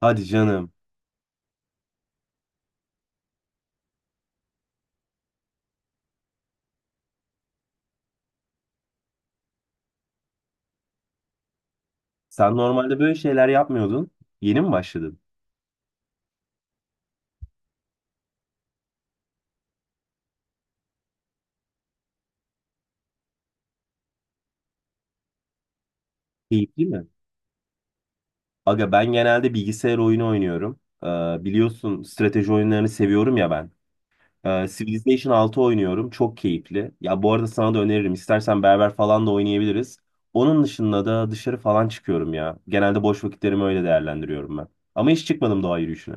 Hadi canım. Sen normalde böyle şeyler yapmıyordun. Yeni mi başladın? Keyifli mi? Aga ben genelde bilgisayar oyunu oynuyorum. Biliyorsun strateji oyunlarını seviyorum ya ben. Civilization 6 oynuyorum. Çok keyifli. Ya bu arada sana da öneririm. İstersen beraber falan da oynayabiliriz. Onun dışında da dışarı falan çıkıyorum ya. Genelde boş vakitlerimi öyle değerlendiriyorum ben. Ama hiç çıkmadım doğa yürüyüşüne.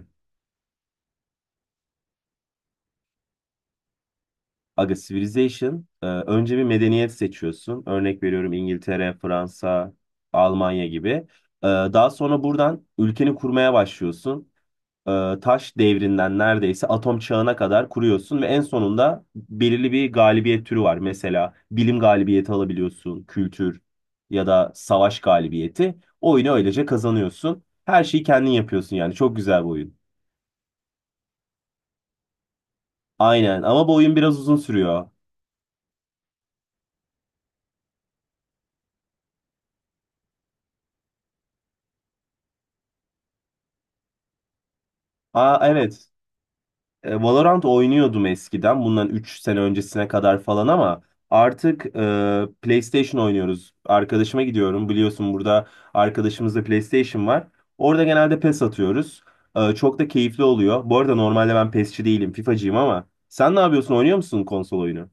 Aga Civilization önce bir medeniyet seçiyorsun. Örnek veriyorum İngiltere, Fransa, Almanya gibi. Daha sonra buradan ülkeni kurmaya başlıyorsun. E, Taş devrinden neredeyse atom çağına kadar kuruyorsun ve en sonunda belirli bir galibiyet türü var. Mesela bilim galibiyeti alabiliyorsun, kültür ya da savaş galibiyeti. Oyunu öylece kazanıyorsun. Her şeyi kendin yapıyorsun yani. Çok güzel bir oyun. Aynen ama bu oyun biraz uzun sürüyor. Aa, evet. Valorant oynuyordum eskiden. Bundan 3 sene öncesine kadar falan ama artık PlayStation oynuyoruz. Arkadaşıma gidiyorum. Biliyorsun burada arkadaşımızda PlayStation var. Orada genelde PES atıyoruz. Çok da keyifli oluyor. Bu arada normalde ben PES'çi değilim, FIFA'cıyım ama sen ne yapıyorsun? Oynuyor musun konsol oyunu?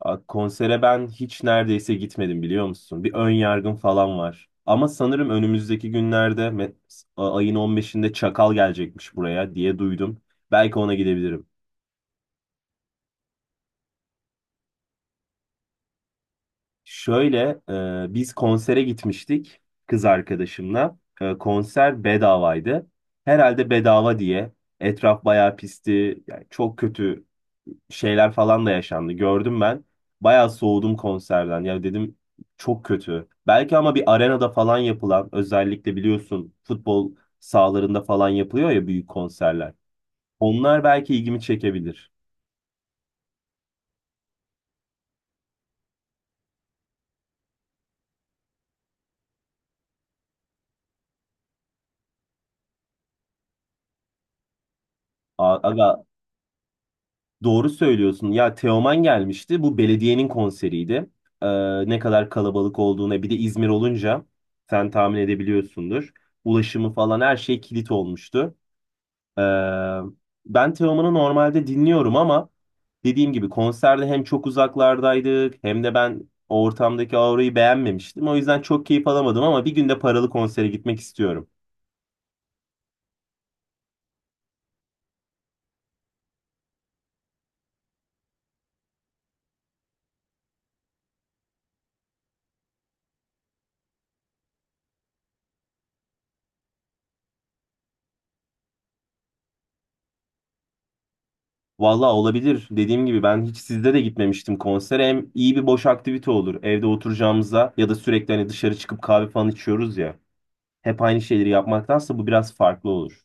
A, konsere ben hiç neredeyse gitmedim biliyor musun? Bir ön yargım falan var. Ama sanırım önümüzdeki günlerde ayın 15'inde Çakal gelecekmiş buraya diye duydum. Belki ona gidebilirim. Şöyle biz konsere gitmiştik kız arkadaşımla. Konser bedavaydı. Herhalde bedava diye. Etraf bayağı pisti. Yani çok kötü şeyler falan da yaşandı. Gördüm ben. Bayağı soğudum konserden. Ya dedim çok kötü. Belki ama bir arenada falan yapılan özellikle biliyorsun futbol sahalarında falan yapılıyor ya büyük konserler. Onlar belki ilgimi çekebilir. Aga doğru söylüyorsun. Ya Teoman gelmişti. Bu belediyenin konseriydi. Ne kadar kalabalık olduğuna bir de İzmir olunca sen tahmin edebiliyorsundur. Ulaşımı falan her şey kilit olmuştu. Ee, ben Teoman'ı normalde dinliyorum ama dediğim gibi konserde hem çok uzaklardaydık hem de ben o ortamdaki aurayı beğenmemiştim. O yüzden çok keyif alamadım ama bir gün de paralı konsere gitmek istiyorum. Vallahi olabilir. Dediğim gibi ben hiç sizde de gitmemiştim konsere. Hem iyi bir boş aktivite olur. Evde oturacağımıza ya da sürekli hani dışarı çıkıp kahve falan içiyoruz ya. Hep aynı şeyleri yapmaktansa bu biraz farklı olur.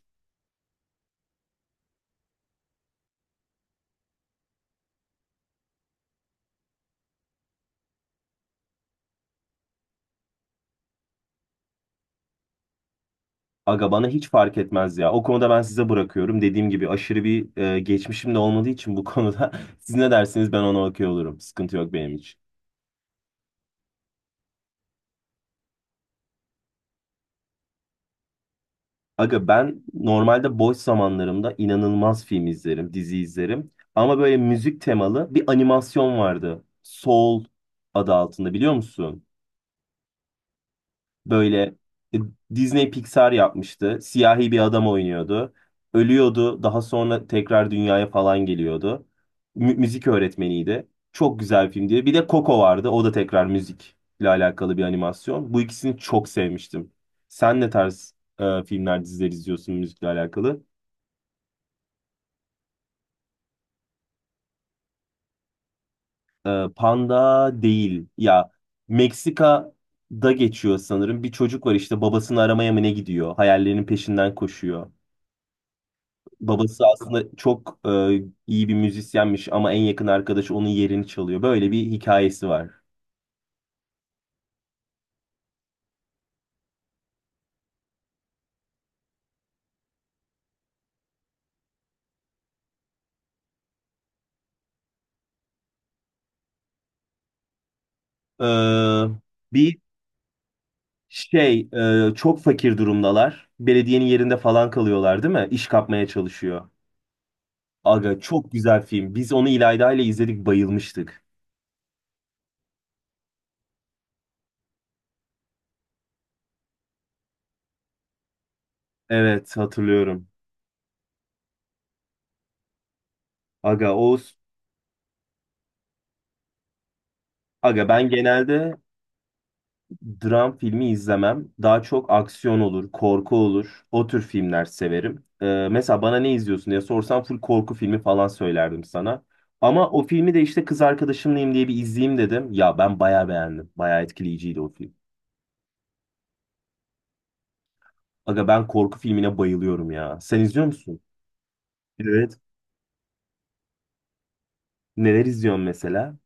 Aga bana hiç fark etmez ya. O konuda ben size bırakıyorum. Dediğim gibi aşırı bir geçmişim de olmadığı için bu konuda siz ne dersiniz ben ona okuyor olurum. Sıkıntı yok benim için. Aga ben normalde boş zamanlarımda inanılmaz film izlerim, dizi izlerim. Ama böyle müzik temalı bir animasyon vardı. Soul adı altında, biliyor musun? Böyle e, Disney Pixar yapmıştı. Siyahi bir adam oynuyordu. Ölüyordu. Daha sonra tekrar dünyaya falan geliyordu. Müzik öğretmeniydi. Çok güzel film diye. Bir de Coco vardı. O da tekrar müzikle alakalı bir animasyon. Bu ikisini çok sevmiştim. Sen ne tarz filmler, diziler izliyorsun müzikle alakalı? Panda değil. Ya Meksika'da geçiyor sanırım. Bir çocuk var işte babasını aramaya mı ne gidiyor? Hayallerinin peşinden koşuyor. Babası aslında çok iyi bir müzisyenmiş ama en yakın arkadaşı onun yerini çalıyor. Böyle bir hikayesi var. Ee, bir şey çok fakir durumdalar. Belediyenin yerinde falan kalıyorlar değil mi? İş kapmaya çalışıyor. Aga çok güzel film. Biz onu İlayda ile izledik, bayılmıştık. Evet, hatırlıyorum. Aga o Aga ben genelde dram filmi izlemem. Daha çok aksiyon olur, korku olur. O tür filmler severim. Mesela bana ne izliyorsun diye sorsam full korku filmi falan söylerdim sana. Ama o filmi de işte kız arkadaşımlayım diye bir izleyeyim dedim. Ya ben bayağı beğendim. Bayağı etkileyiciydi o film. Aga ben korku filmine bayılıyorum ya. Sen izliyor musun? Evet. Neler izliyorsun mesela?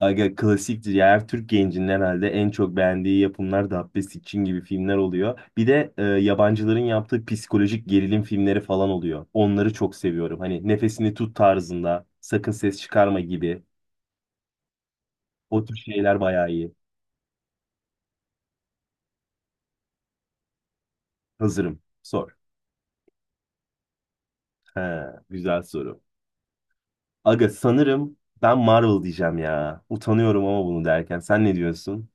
Aga klasiktir ya. Her Türk gencinin herhalde en çok beğendiği yapımlar da Dabbe Sikçin gibi filmler oluyor. Bir de yabancıların yaptığı psikolojik gerilim filmleri falan oluyor. Onları çok seviyorum. Hani nefesini tut tarzında, sakın ses çıkarma gibi. O tür şeyler bayağı iyi. Hazırım. Sor. He, güzel soru. Aga sanırım ben Marvel diyeceğim ya. Utanıyorum ama bunu derken. Sen ne diyorsun?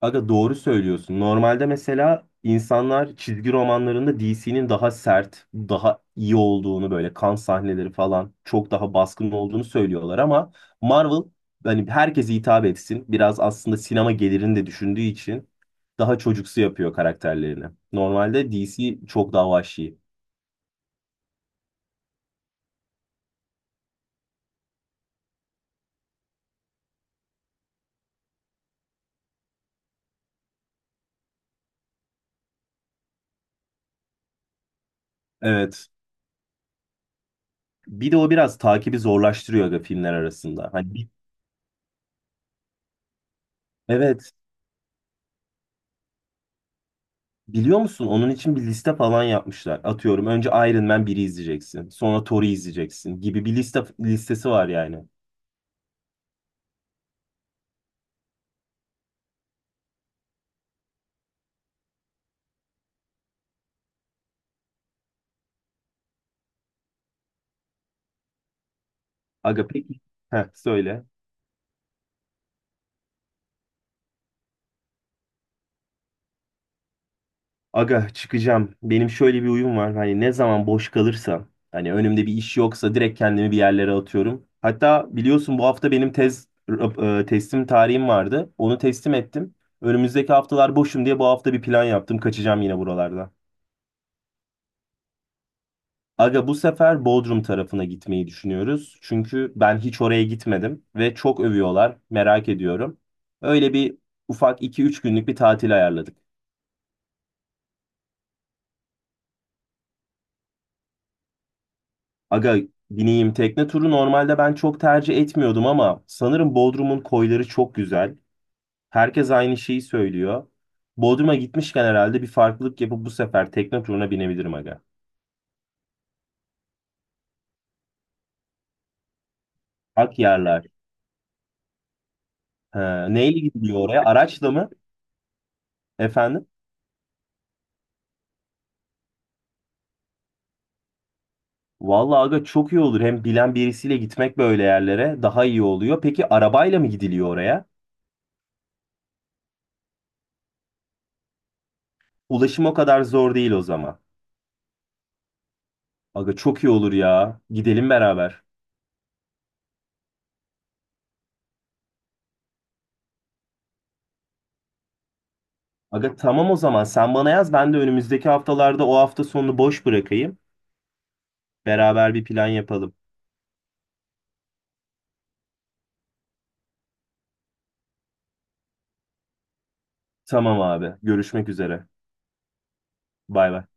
Aga doğru söylüyorsun. Normalde mesela insanlar çizgi romanlarında DC'nin daha sert, daha iyi olduğunu böyle kan sahneleri falan çok daha baskın olduğunu söylüyorlar ama Marvel hani herkese hitap etsin. Biraz aslında sinema gelirini de düşündüğü için daha çocuksu yapıyor karakterlerini. Normalde DC çok daha vahşi. Evet. Bir de o biraz takibi zorlaştırıyor aga filmler arasında. Hani evet. Biliyor musun? Onun için bir liste falan yapmışlar. Atıyorum önce Iron Man biri izleyeceksin. Sonra Thor'u izleyeceksin gibi bir liste listesi var yani. Aga peki. Heh, söyle. Aga çıkacağım. Benim şöyle bir uyum var. Hani ne zaman boş kalırsam hani önümde bir iş yoksa direkt kendimi bir yerlere atıyorum. Hatta biliyorsun bu hafta benim tez teslim tarihim vardı. Onu teslim ettim. Önümüzdeki haftalar boşum diye bu hafta bir plan yaptım. Kaçacağım yine buralarda. Aga bu sefer Bodrum tarafına gitmeyi düşünüyoruz. Çünkü ben hiç oraya gitmedim ve çok övüyorlar. Merak ediyorum. Öyle bir ufak 2-3 günlük bir tatil ayarladık. Aga bineyim, tekne turu normalde ben çok tercih etmiyordum ama sanırım Bodrum'un koyları çok güzel. Herkes aynı şeyi söylüyor. Bodrum'a gitmişken herhalde bir farklılık yapıp bu sefer tekne turuna binebilirim aga. Akyarlar. Ha, neyle gidiliyor oraya? Araçla mı? Efendim? Vallahi aga çok iyi olur. Hem bilen birisiyle gitmek böyle yerlere daha iyi oluyor. Peki arabayla mı gidiliyor oraya? Ulaşım o kadar zor değil o zaman. Aga çok iyi olur ya. Gidelim beraber. Aga tamam o zaman sen bana yaz ben de önümüzdeki haftalarda o hafta sonunu boş bırakayım. Beraber bir plan yapalım. Tamam abi. Görüşmek üzere. Bay bay.